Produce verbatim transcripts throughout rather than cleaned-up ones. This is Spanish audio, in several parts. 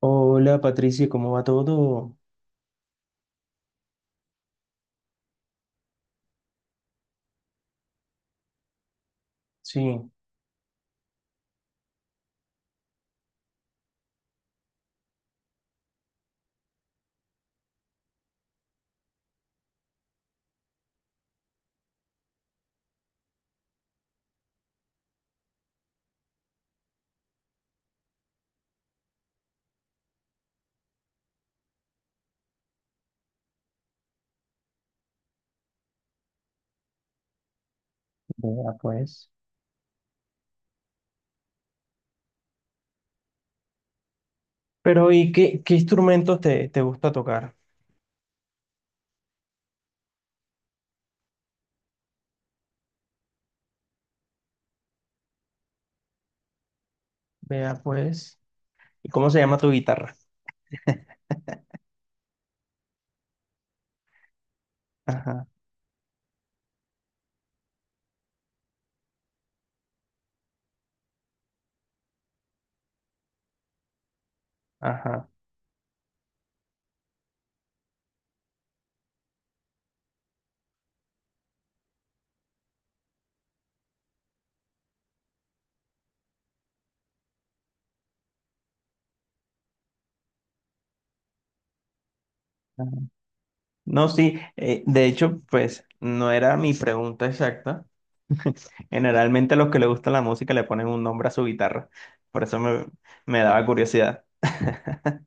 Hola Patricia, ¿cómo va todo? Sí, vea pues. Pero ¿y qué, qué instrumentos te, te gusta tocar? Vea pues. ¿Y cómo se llama tu guitarra? Ajá, ajá, ajá. No, sí, eh, de hecho, pues no era mi pregunta exacta. Generalmente a los que les gusta la música le ponen un nombre a su guitarra. Por eso me, me daba curiosidad.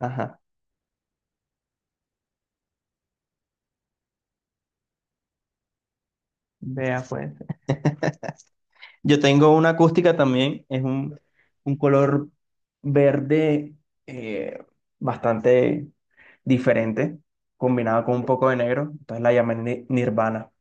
Ajá. Vea pues. Yo tengo una acústica también, es un, un color verde, eh, bastante diferente, combinado con un poco de negro, entonces la llamé Ni- Nirvana.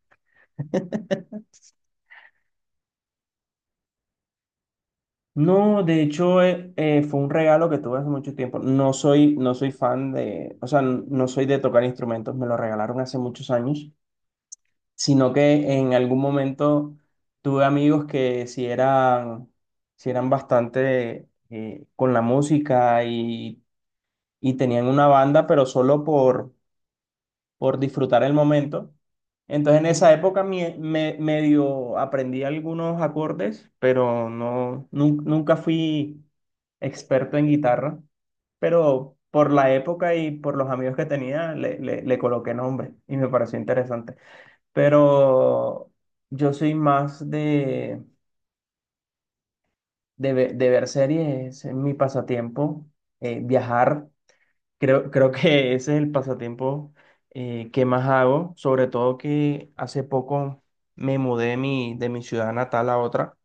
No, de hecho, eh, eh, fue un regalo que tuve hace mucho tiempo. No soy, no soy fan de, o sea, n- no soy de tocar instrumentos, me lo regalaron hace muchos años, sino que en algún momento tuve amigos que si eran, si eran bastante eh, con la música y y tenían una banda, pero solo por, por disfrutar el momento. Entonces en esa época me, me- medio aprendí algunos acordes, pero no, nun- nunca fui experto en guitarra, pero por la época y por los amigos que tenía le, le, le coloqué nombre y me pareció interesante. Pero yo soy más de, de, ve- de ver series, es mi pasatiempo, eh, viajar. Creo, creo que ese es el pasatiempo eh, que más hago, sobre todo que hace poco me mudé de mi, de mi ciudad natal a otra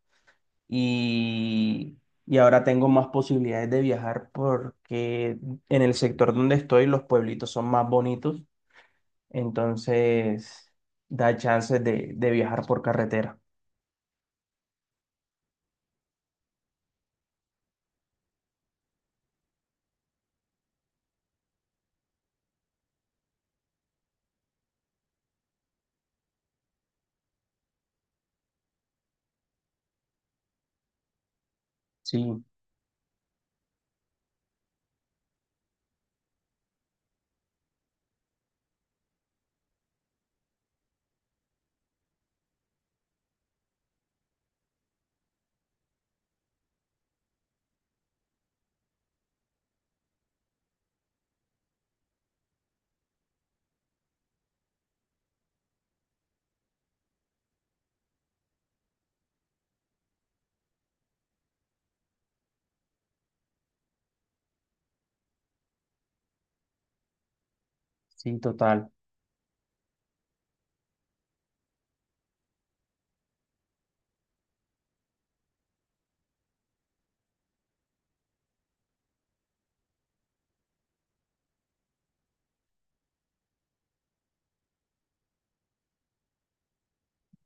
y, y ahora tengo más posibilidades de viajar porque en el sector donde estoy los pueblitos son más bonitos, entonces da chances de, de viajar por carretera. Sí, sí, total.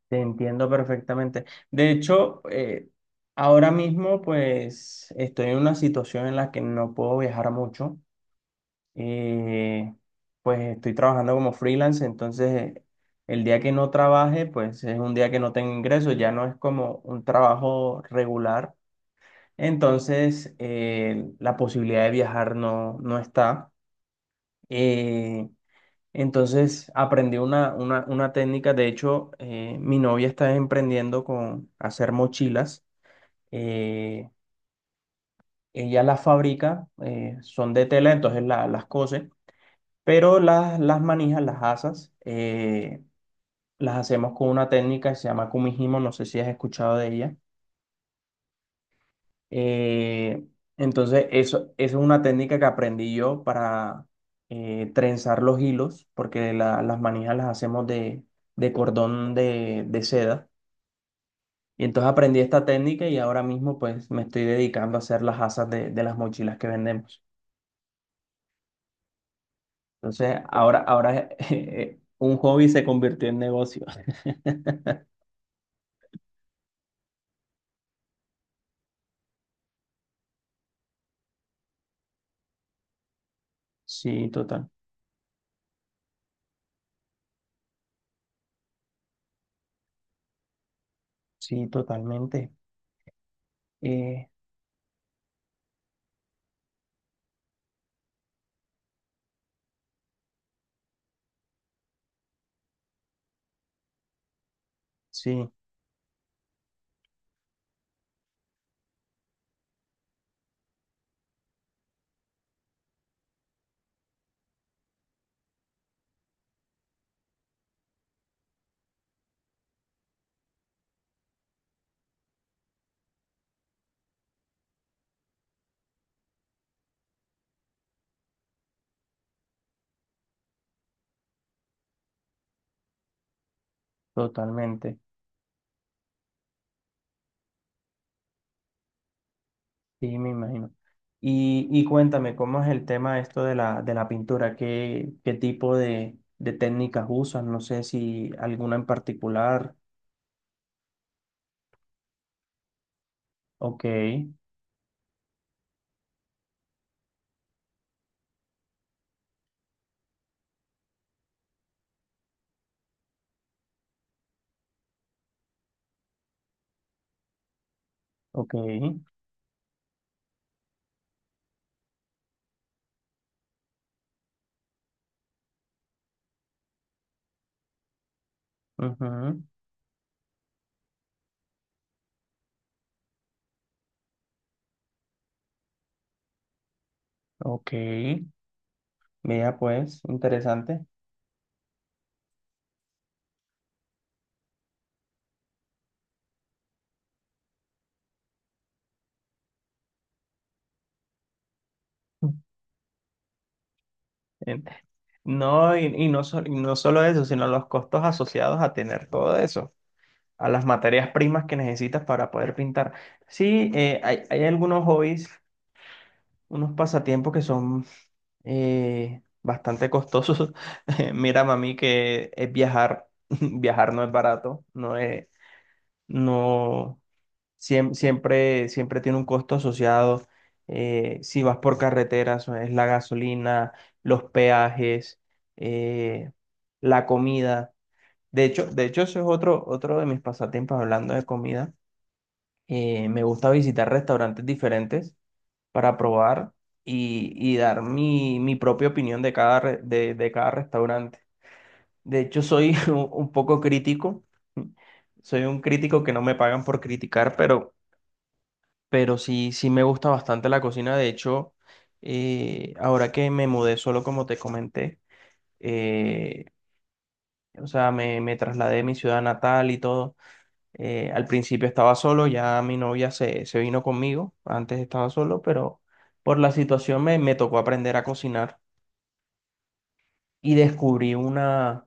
Te entiendo perfectamente. De hecho, eh, ahora mismo pues estoy en una situación en la que no puedo viajar mucho. Eh, pues estoy trabajando como freelance, entonces eh, el día que no trabaje pues es un día que no tengo ingresos, ya no es como un trabajo regular. Entonces, eh, la posibilidad de viajar no, no está. Eh, entonces aprendí una, una, una técnica, de hecho, eh, mi novia está emprendiendo con hacer mochilas. Eh, Ella las fabrica, eh, son de tela, entonces la- las cose, pero las, las manijas, las asas, eh, las hacemos con una técnica que se llama kumihimo, no sé si has escuchado de ella. Eh, entonces, eso, eso es una técnica que aprendí yo para eh, trenzar los hilos, porque la- las manijas las hacemos de, de cordón de, de seda. Y entonces aprendí esta técnica y ahora mismo pues me estoy dedicando a hacer las asas de, de las mochilas que vendemos. Entonces, ahora, ahora eh, un hobby se convirtió en negocio. Sí, total. Sí, totalmente. Eh, sí, totalmente. Sí, me imagino. Y, y cuéntame, ¿cómo es el tema esto de la, de la pintura? ¿Qué, qué tipo de, de técnicas usas? No sé si alguna en particular. Ok, ok, ujú, ok. Mira, pues, interesante. Eh, No, y, y no, so- y no solo eso, sino los costos asociados a tener todo eso, a las materias primas que necesitas para poder pintar. Sí, eh, hay, hay algunos hobbies, unos pasatiempos que son eh, bastante costosos. Eh, Mira, mami, que es viajar. Viajar no es barato, no es, no, siem- siempre, siempre tiene un costo asociado. Eh, si vas por carreteras, es la gasolina, los peajes, eh, la comida. De hecho, de hecho, eso es otro, otro de mis pasatiempos hablando de comida. Eh, me gusta visitar restaurantes diferentes para probar y, y dar mi, mi propia opinión de cada, re- de, de cada restaurante. De hecho, soy un un poco crítico. Soy un crítico que no me pagan por criticar, pero, pero sí, sí me gusta bastante la cocina. De hecho, eh, ahora que me mudé solo, como te comenté, eh, o sea, me, me trasladé a mi ciudad natal y todo. Eh, al principio estaba solo, ya mi novia se, se vino conmigo, antes estaba solo, pero por la situación me, me tocó aprender a cocinar y descubrí una,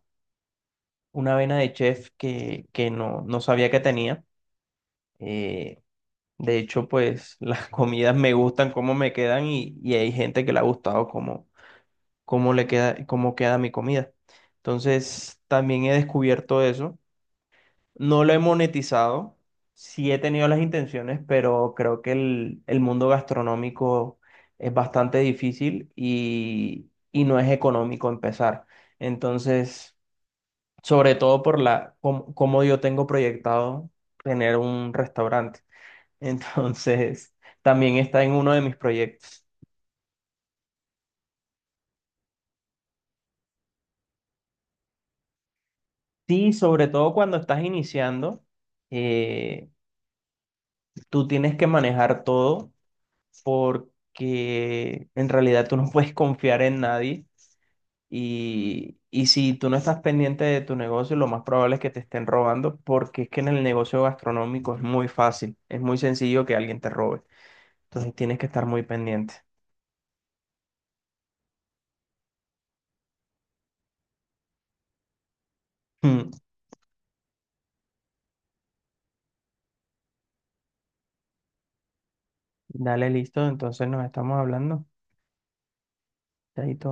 una vena de chef que, que no, no sabía que tenía. Eh, de hecho, pues las comidas me gustan cómo me quedan y, y hay gente que le ha gustado cómo, cómo le queda, cómo queda mi comida. Entonces, también he descubierto eso. No lo he monetizado, sí he tenido las intenciones, pero creo que el, el mundo gastronómico es bastante difícil y, y no es económico empezar. Entonces, sobre todo por la, cómo, cómo yo tengo proyectado tener un restaurante. Entonces, también está en uno de mis proyectos. Sí, sobre todo cuando estás iniciando, eh, tú tienes que manejar todo porque en realidad tú no puedes confiar en nadie y, y si tú no estás pendiente de tu negocio, lo más probable es que te estén robando porque es que en el negocio gastronómico es muy fácil, es muy sencillo que alguien te robe. Entonces tienes que estar muy pendiente. Mm. Dale, listo, entonces nos estamos hablando. Chaito.